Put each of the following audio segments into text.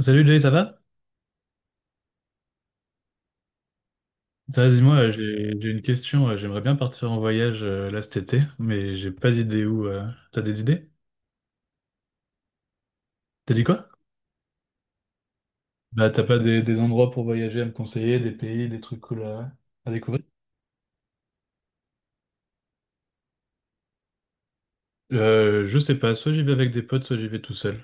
Salut Jay, ça va? Dis-moi, j'ai une question. J'aimerais bien partir en voyage là cet été, mais j'ai pas d'idée où. T'as des idées? T'as dit quoi? T'as pas des endroits pour voyager à me conseiller, des pays, des trucs cool à découvrir? Je sais pas, soit j'y vais avec des potes, soit j'y vais tout seul.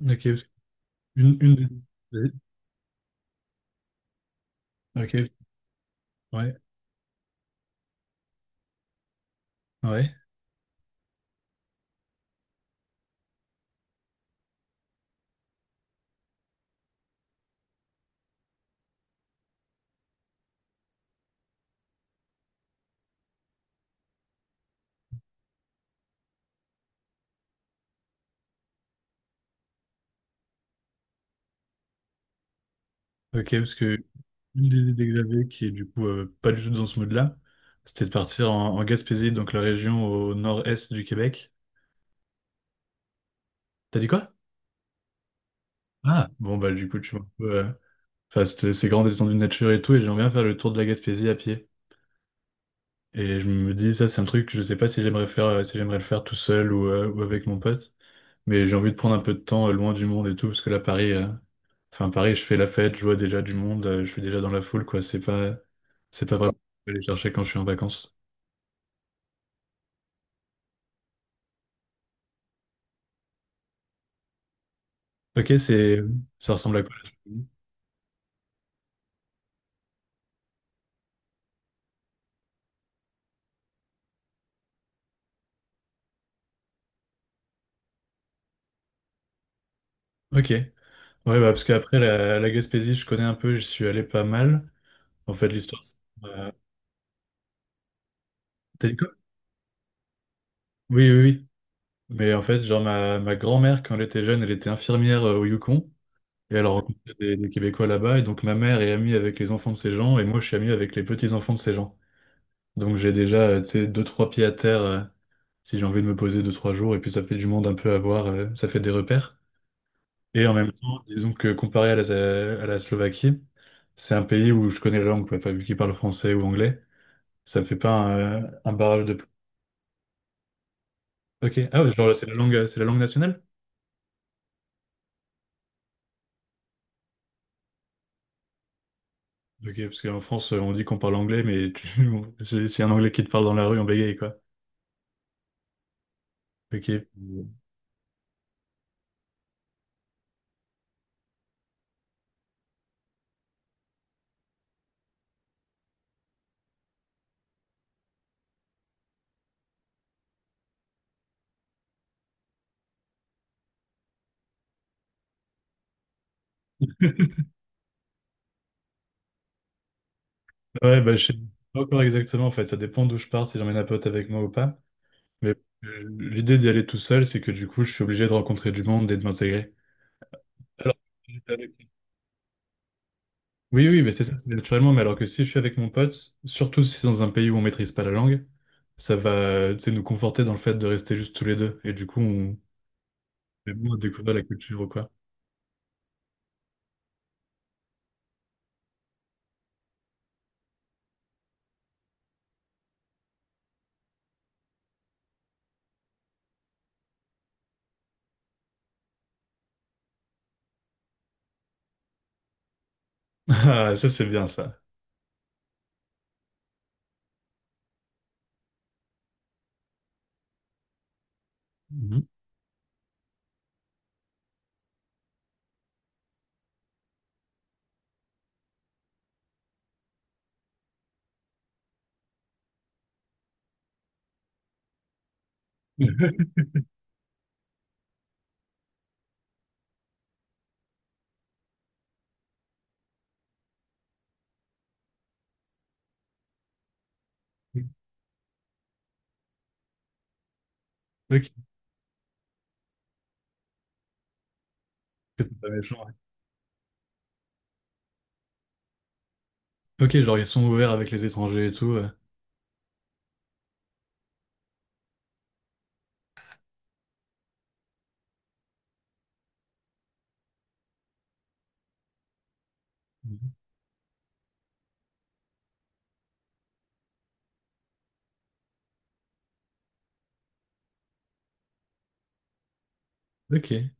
Ok, parce que- une des... Vas-y. Ok, ouais, ouais. Ok, parce que une des idées que j'avais, qui est du coup pas du tout dans ce mood-là, c'était de partir en, en Gaspésie, donc la région au nord-est du Québec. T'as dit quoi? Ah, bon, bah, du coup, tu vois un peu, enfin, c'est grand descendu de nature et tout, et j'aimerais bien faire le tour de la Gaspésie à pied. Et je me dis, ça, c'est un truc que je sais pas si j'aimerais faire, si j'aimerais le faire tout seul ou avec mon pote. Mais j'ai envie de prendre un peu de temps, loin du monde et tout, parce que là, Paris, enfin, Paris, je fais la fête, je vois déjà du monde, je suis déjà dans la foule, quoi. C'est pas vraiment ce que je vais aller chercher quand je suis en vacances. Ok, ça ressemble à quoi? La Gaspésie. Ok. Ouais, bah, parce qu'après, la Gaspésie, je connais un peu, j'y suis allé pas mal. En fait, l'histoire, c'est- euh, t'as dit quoi? Oui, oui, oui. Mais en fait, genre, ma grand-mère, quand elle était jeune, elle était infirmière au Yukon. Et elle rencontrait des Québécois là-bas. Et donc, ma mère est amie avec les enfants de ces gens. Et moi, je suis ami avec les petits-enfants de ces gens. Donc, j'ai déjà, tu sais, deux, trois pieds à terre si j'ai envie de me poser deux, trois jours. Et puis, ça fait du monde un peu à voir. Ça fait des repères. Et en même temps, disons que comparé à à la Slovaquie, c'est un pays où je connais la langue, quoi. Enfin, vu qu'ils parlent français ou anglais, ça me fait pas un, un barrage de plus. Ok. Ah, ouais, genre, c'est la langue nationale? Ok, parce qu'en France, on dit qu'on parle anglais, mais c'est un anglais qui te parle dans la rue, en bégaye, quoi. Ok. Ouais, bah, je sais pas encore exactement, en fait. Ça dépend d'où je pars, si j'emmène un pote avec moi ou pas. Mais l'idée d'y aller tout seul, c'est que du coup, je suis obligé de rencontrer du monde et de m'intégrer. Alors, si j'étais avec- Oui, oui, mais c'est ça, c'est naturellement. Mais alors que si je suis avec mon pote, surtout si c'est dans un pays où on maîtrise pas la langue, ça va, tu sais, nous conforter dans le fait de rester juste tous les deux. Et du coup, on fait moins découvrir la culture ou quoi. Ah, ça, c'est bien, ça. Mhm. Ok, que t'as pas méchant, ouais. Ok, genre ils sont ouverts avec les étrangers et tout. Ouais. Mhm. Ok.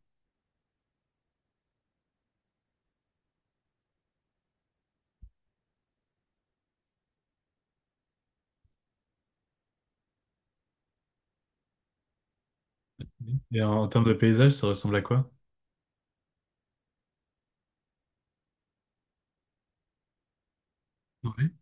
Et en, en termes de paysage, ça ressemble à quoi? Ouais.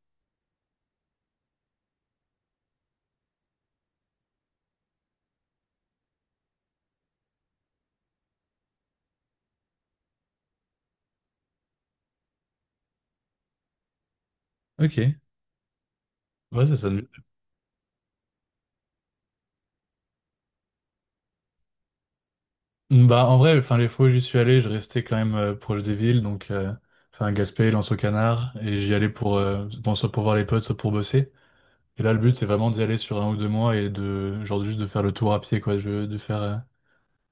Ok. Ouais, ça sonne bien. Bah en vrai, enfin les fois où j'y suis allé, je restais quand même proche des villes, donc enfin Gaspé, Lens-au-Canard, et j'y allais pour bon soit pour voir les potes, soit pour bosser. Et là, le but c'est vraiment d'y aller sur un ou deux mois et de genre juste de faire le tour à pied quoi, de faire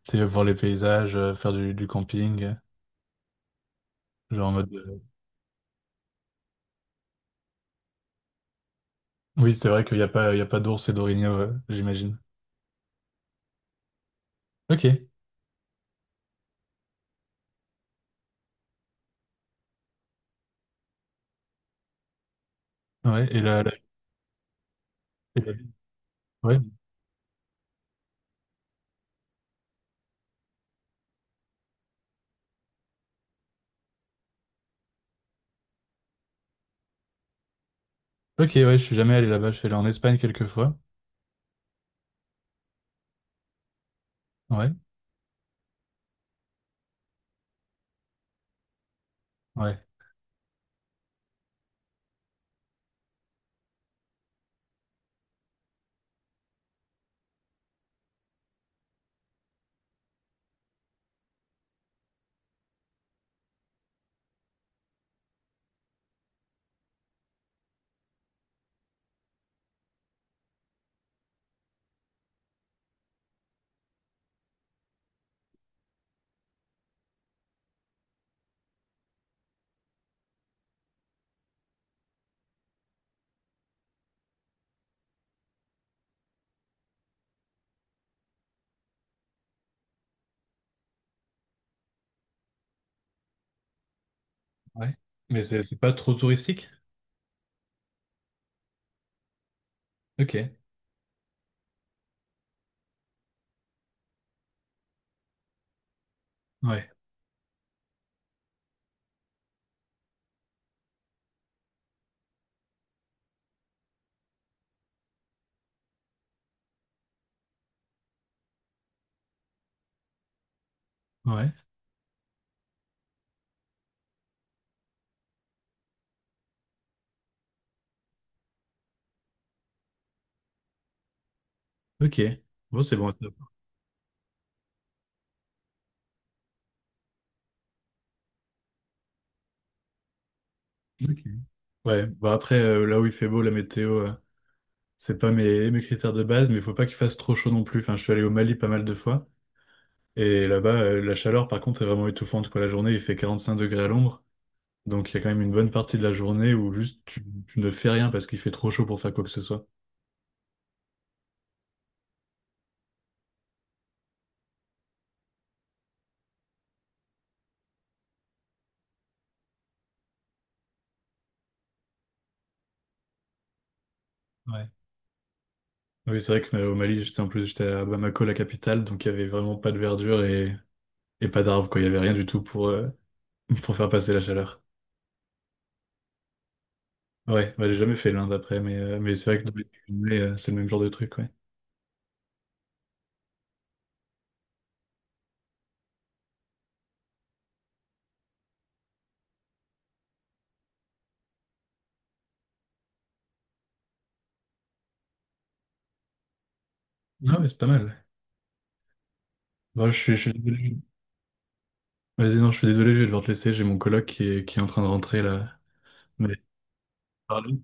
tu sais, voir les paysages, faire du camping, genre en mode. Oui, c'est vrai qu'il n'y a pas il y a pas d'ours et d'orignaux, j'imagine. Ok. Ouais, et ouais. Ok, ouais, je suis jamais allé là-bas, je suis allé en Espagne quelques fois. Ouais, ouais, ouais. Mais c'est pas trop touristique? Ok, ouais, ouais, ok. Bon, c'est bon. À savoir. Ok. Ouais, bah après, là où il fait beau, la météo, c'est pas mes critères de base, mais il faut pas qu'il fasse trop chaud non plus. Enfin, je suis allé au Mali pas mal de fois, et là-bas, la chaleur, par contre, est vraiment étouffante, quoi. La journée, il fait 45 degrés à l'ombre, donc il y a quand même une bonne partie de la journée où juste tu ne fais rien parce qu'il fait trop chaud pour faire quoi que ce soit. Ouais. Oui, c'est vrai que au Mali, j'étais en plus, j'étais à Bamako, la capitale, donc il y avait vraiment pas de verdure et pas d'arbres, quoi. Il y avait rien du tout pour, pour faire passer la chaleur. Ouais, bah, j'ai jamais fait l'Inde après, mais c'est vrai que dans les Pyrénées, c'est le même genre de truc, ouais. Non, mais c'est pas mal. Ouais. Bon, je suis désolé. Vas-y, non, je suis désolé, je vais devoir te laisser. J'ai mon coloc qui est en train de rentrer là. Mais, pardon.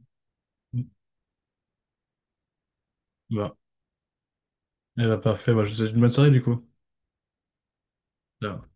Bon, eh bah, parfait. Bah, je te souhaite une bonne soirée du coup. Ciao.